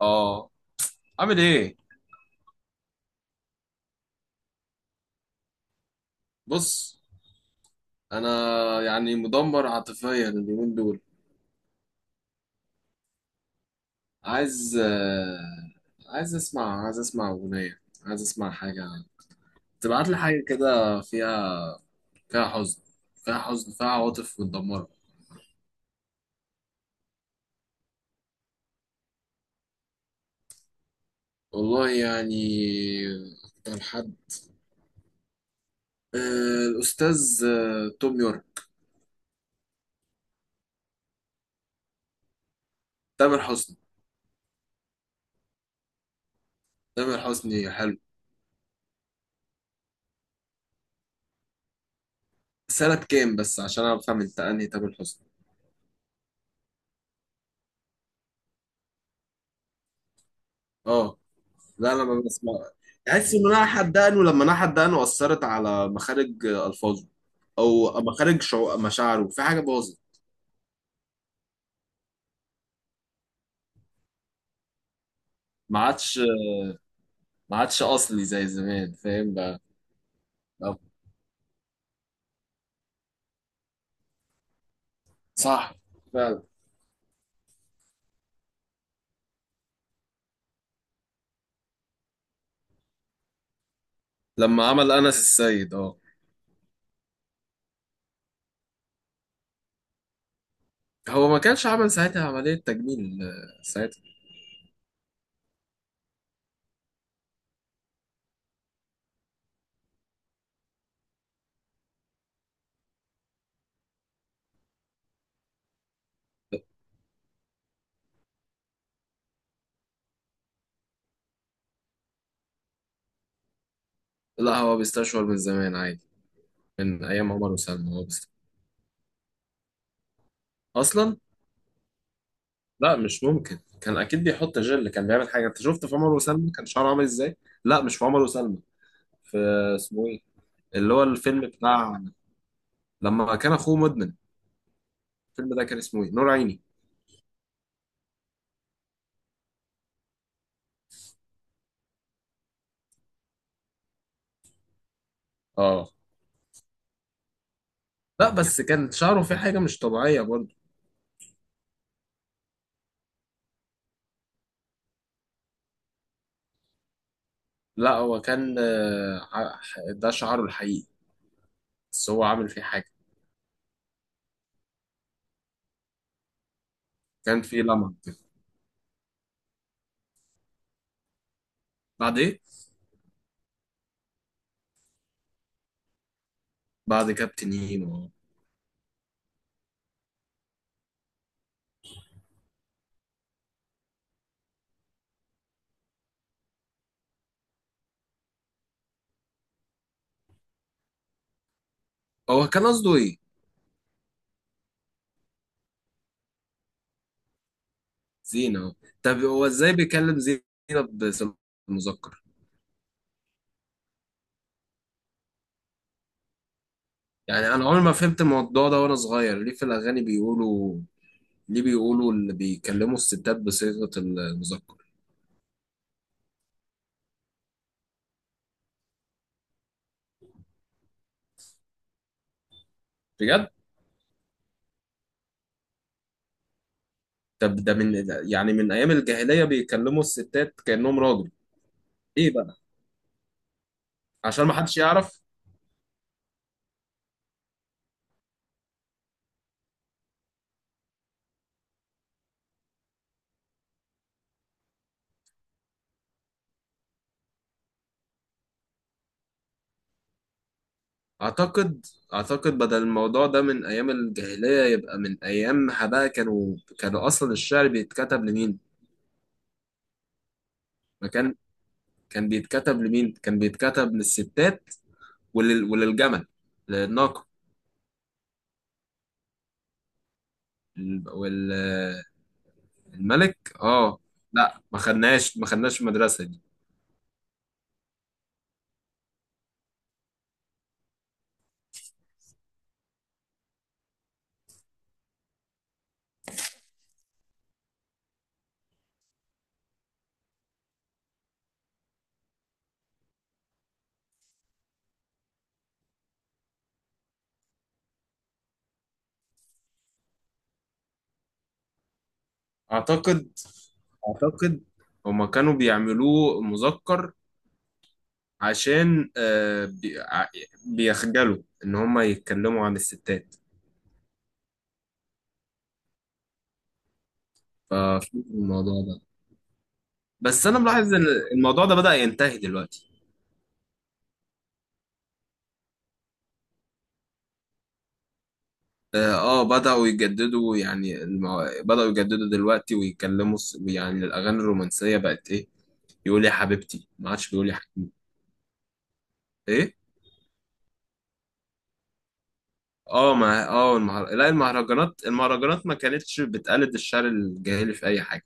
اه. عامل ايه؟ بص، انا يعني مدمر عاطفيا اليومين دول. عايز عايز اسمع، عايز اسمع اغنيه، عايز اسمع حاجه، تبعت لي حاجه كده فيها، فيها حزن، فيها حزن، فيها عواطف متدمره. والله يعني اكتر حد آه، الاستاذ توم يورك. تامر حسني. تامر حسني حلو. سنه كام بس عشان افهم انت انهي تامر حسني؟ اه. لا انا ما بسمع. تحس ان انا حدقنه، لما انا حدقنه اثرت على مخارج الفاظه، او مخارج مشاعره، في حاجه باظت. ما عادش. ما عادش اصلي زي زمان، فاهم بقى؟ بقى- صح، فعلا. لما عمل انس السيد. اه. هو ما كانش عمل ساعتها عمليه تجميل ساعتها؟ لا، هو بيستشعر من زمان عادي، من ايام عمر وسلمى هو بيست... اصلا. لا مش ممكن، كان اكيد بيحط جل، كان بيعمل حاجه. انت شفت في عمر وسلمى كان شعره عامل ازاي؟ لا مش في عمر وسلمى، في، اسمه ايه، اللي هو الفيلم بتاع، لما كان اخوه مدمن، الفيلم ده كان اسمه ايه؟ نور عيني. اه. لا بس كان شعره فيه حاجه مش طبيعيه برضه. لا هو كان، ده شعره الحقيقي، بس هو عامل فيه حاجه. كان فيه لمعه كده. بعد ايه؟ بعد كابتن هيما. هو كان قصده ايه؟ زينه. طب هو ازاي بيكلم زينه باسم المذكر؟ يعني انا عمري ما فهمت الموضوع ده وانا صغير، ليه في الاغاني بيقولوا، ليه بيقولوا اللي بيكلموا الستات بصيغه المذكر؟ بجد؟ طب ده من، ده يعني من ايام الجاهليه بيكلموا الستات كانهم راجل؟ ايه بقى؟ عشان ما حدش يعرف. اعتقد، اعتقد بدل الموضوع ده من ايام الجاهليه يبقى من ايامها بقى، كانوا اصلا الشعر بيتكتب لمين؟ ما كان كان بيتكتب لمين؟ كان بيتكتب للستات، ولل، وللجمل، للناقه، والملك. اه. لا ما خدناش، ما خدناش المدرسه دي. اعتقد، اعتقد هما كانوا بيعملوه مذكر عشان بيخجلوا ان هم يتكلموا عن الستات. ففي الموضوع ده، بس انا ملاحظ ان الموضوع ده بدأ ينتهي دلوقتي. اه. بدأوا يجددوا يعني بدأوا يجددوا دلوقتي ويتكلموا يعني الاغاني الرومانسية بقت ايه، يقول يا حبيبتي، ما عادش بيقول يا حبيبتي. ايه؟ اه ما اه لا المهرجانات، المهرجانات ما كانتش بتقلد الشعر الجاهلي في اي حاجة.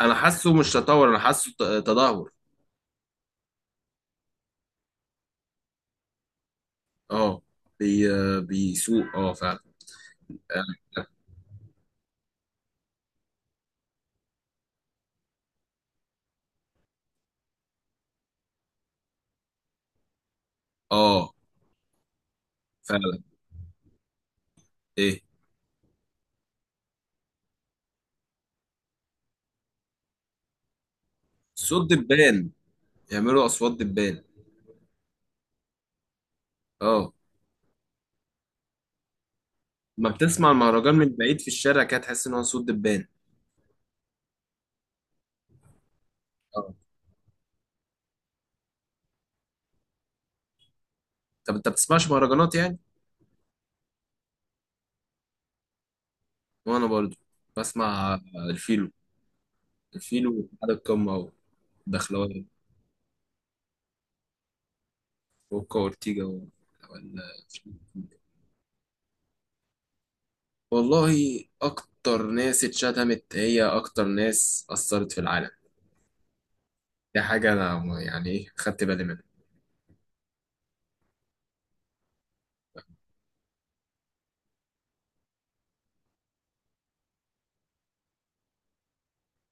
انا حاسه مش تطور، انا حاسه تدهور. اه. بي... بيسوق، اه فعلا. اه فعلا. ايه؟ صوت دبان، يعملوا اصوات دبان. اه. ما بتسمع المهرجان من بعيد في الشارع كده، تحس ان هو صوت دبان. اه. طب انت بتسمعش مهرجانات يعني؟ وانا برضو بسمع الفيلو، الفيلو على القمه، ودخلوية، وكا اورتيجا ولا- والله. اكتر ناس اتشتمت هي اكتر ناس اثرت في العالم. دي حاجه انا يعني ايه، خدت بالي منها.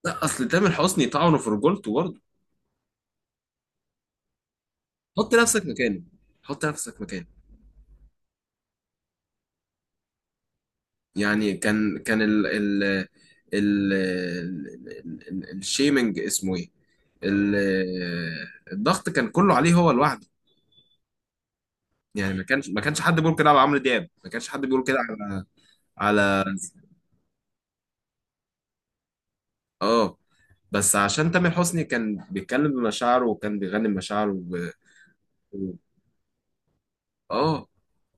لا اصل تامر حسني طعنه في رجولته برضه. حط نفسك مكانه. حط نفسك مكانه. يعني كان ال ال الشيمنج اسمه ايه؟ ال- الضغط كان كله عليه هو لوحده. يعني ما كانش حد بيقول كده على عمرو دياب، ما كانش حد بيقول كده على، على. اه. بس عشان تامر حسني كان بيتكلم بمشاعره وكان بيغني بمشاعره و- اه.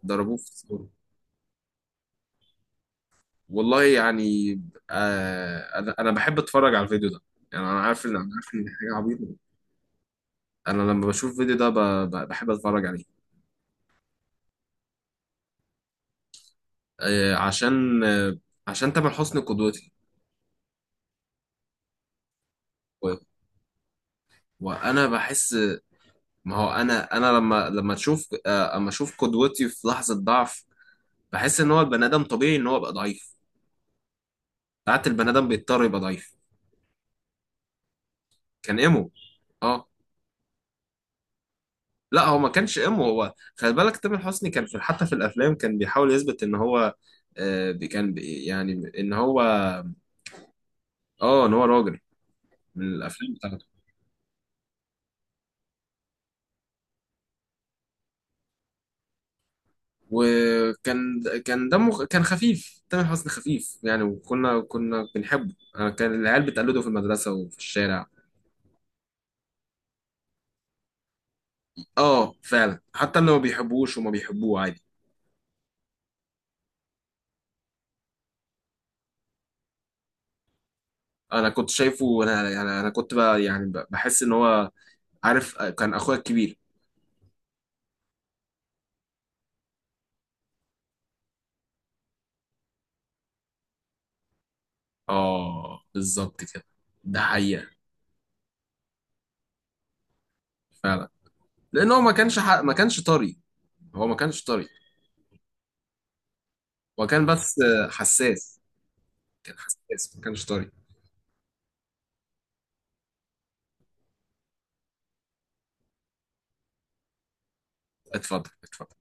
ضربوه في الصورة. والله يعني، آه انا بحب اتفرج على الفيديو ده. يعني انا عارف ان، انا عارف ان دي حاجه عبيطه. انا لما بشوف الفيديو ده بحب اتفرج عليه. عشان عشان تامر حسني قدوتي، و- وانا بحس، ما هو انا لما تشوف اما اشوف قدوتي في لحظه ضعف، بحس ان هو البني ادم طبيعي ان هو يبقى ضعيف. ساعات البني ادم بيضطر يبقى ضعيف. كان ايمو. اه. لا هو ما كانش ايمو، هو خلي بالك تامر حسني كان في، حتى في الافلام، كان بيحاول يثبت ان هو يعني ان هو، اه، ان هو راجل. من الافلام. وكان دمه كان خفيف، تامر حسني خفيف يعني، وكنا بنحبه، أنا كان العيال بتقلده في المدرسة وفي الشارع. اه فعلا، حتى اللي ما بيحبوش وما بيحبوه عادي. انا كنت شايفه، انا انا أنا كنت بقى يعني بحس ان هو، عارف، كان اخويا الكبير. اه بالظبط كده، ده حقيقة، فعلا. لان هو ما كانش ما كانش طري. هو ما كانش طري. هو كان بس حساس، كان حساس، ما كانش طري. اتفضل، اتفضل.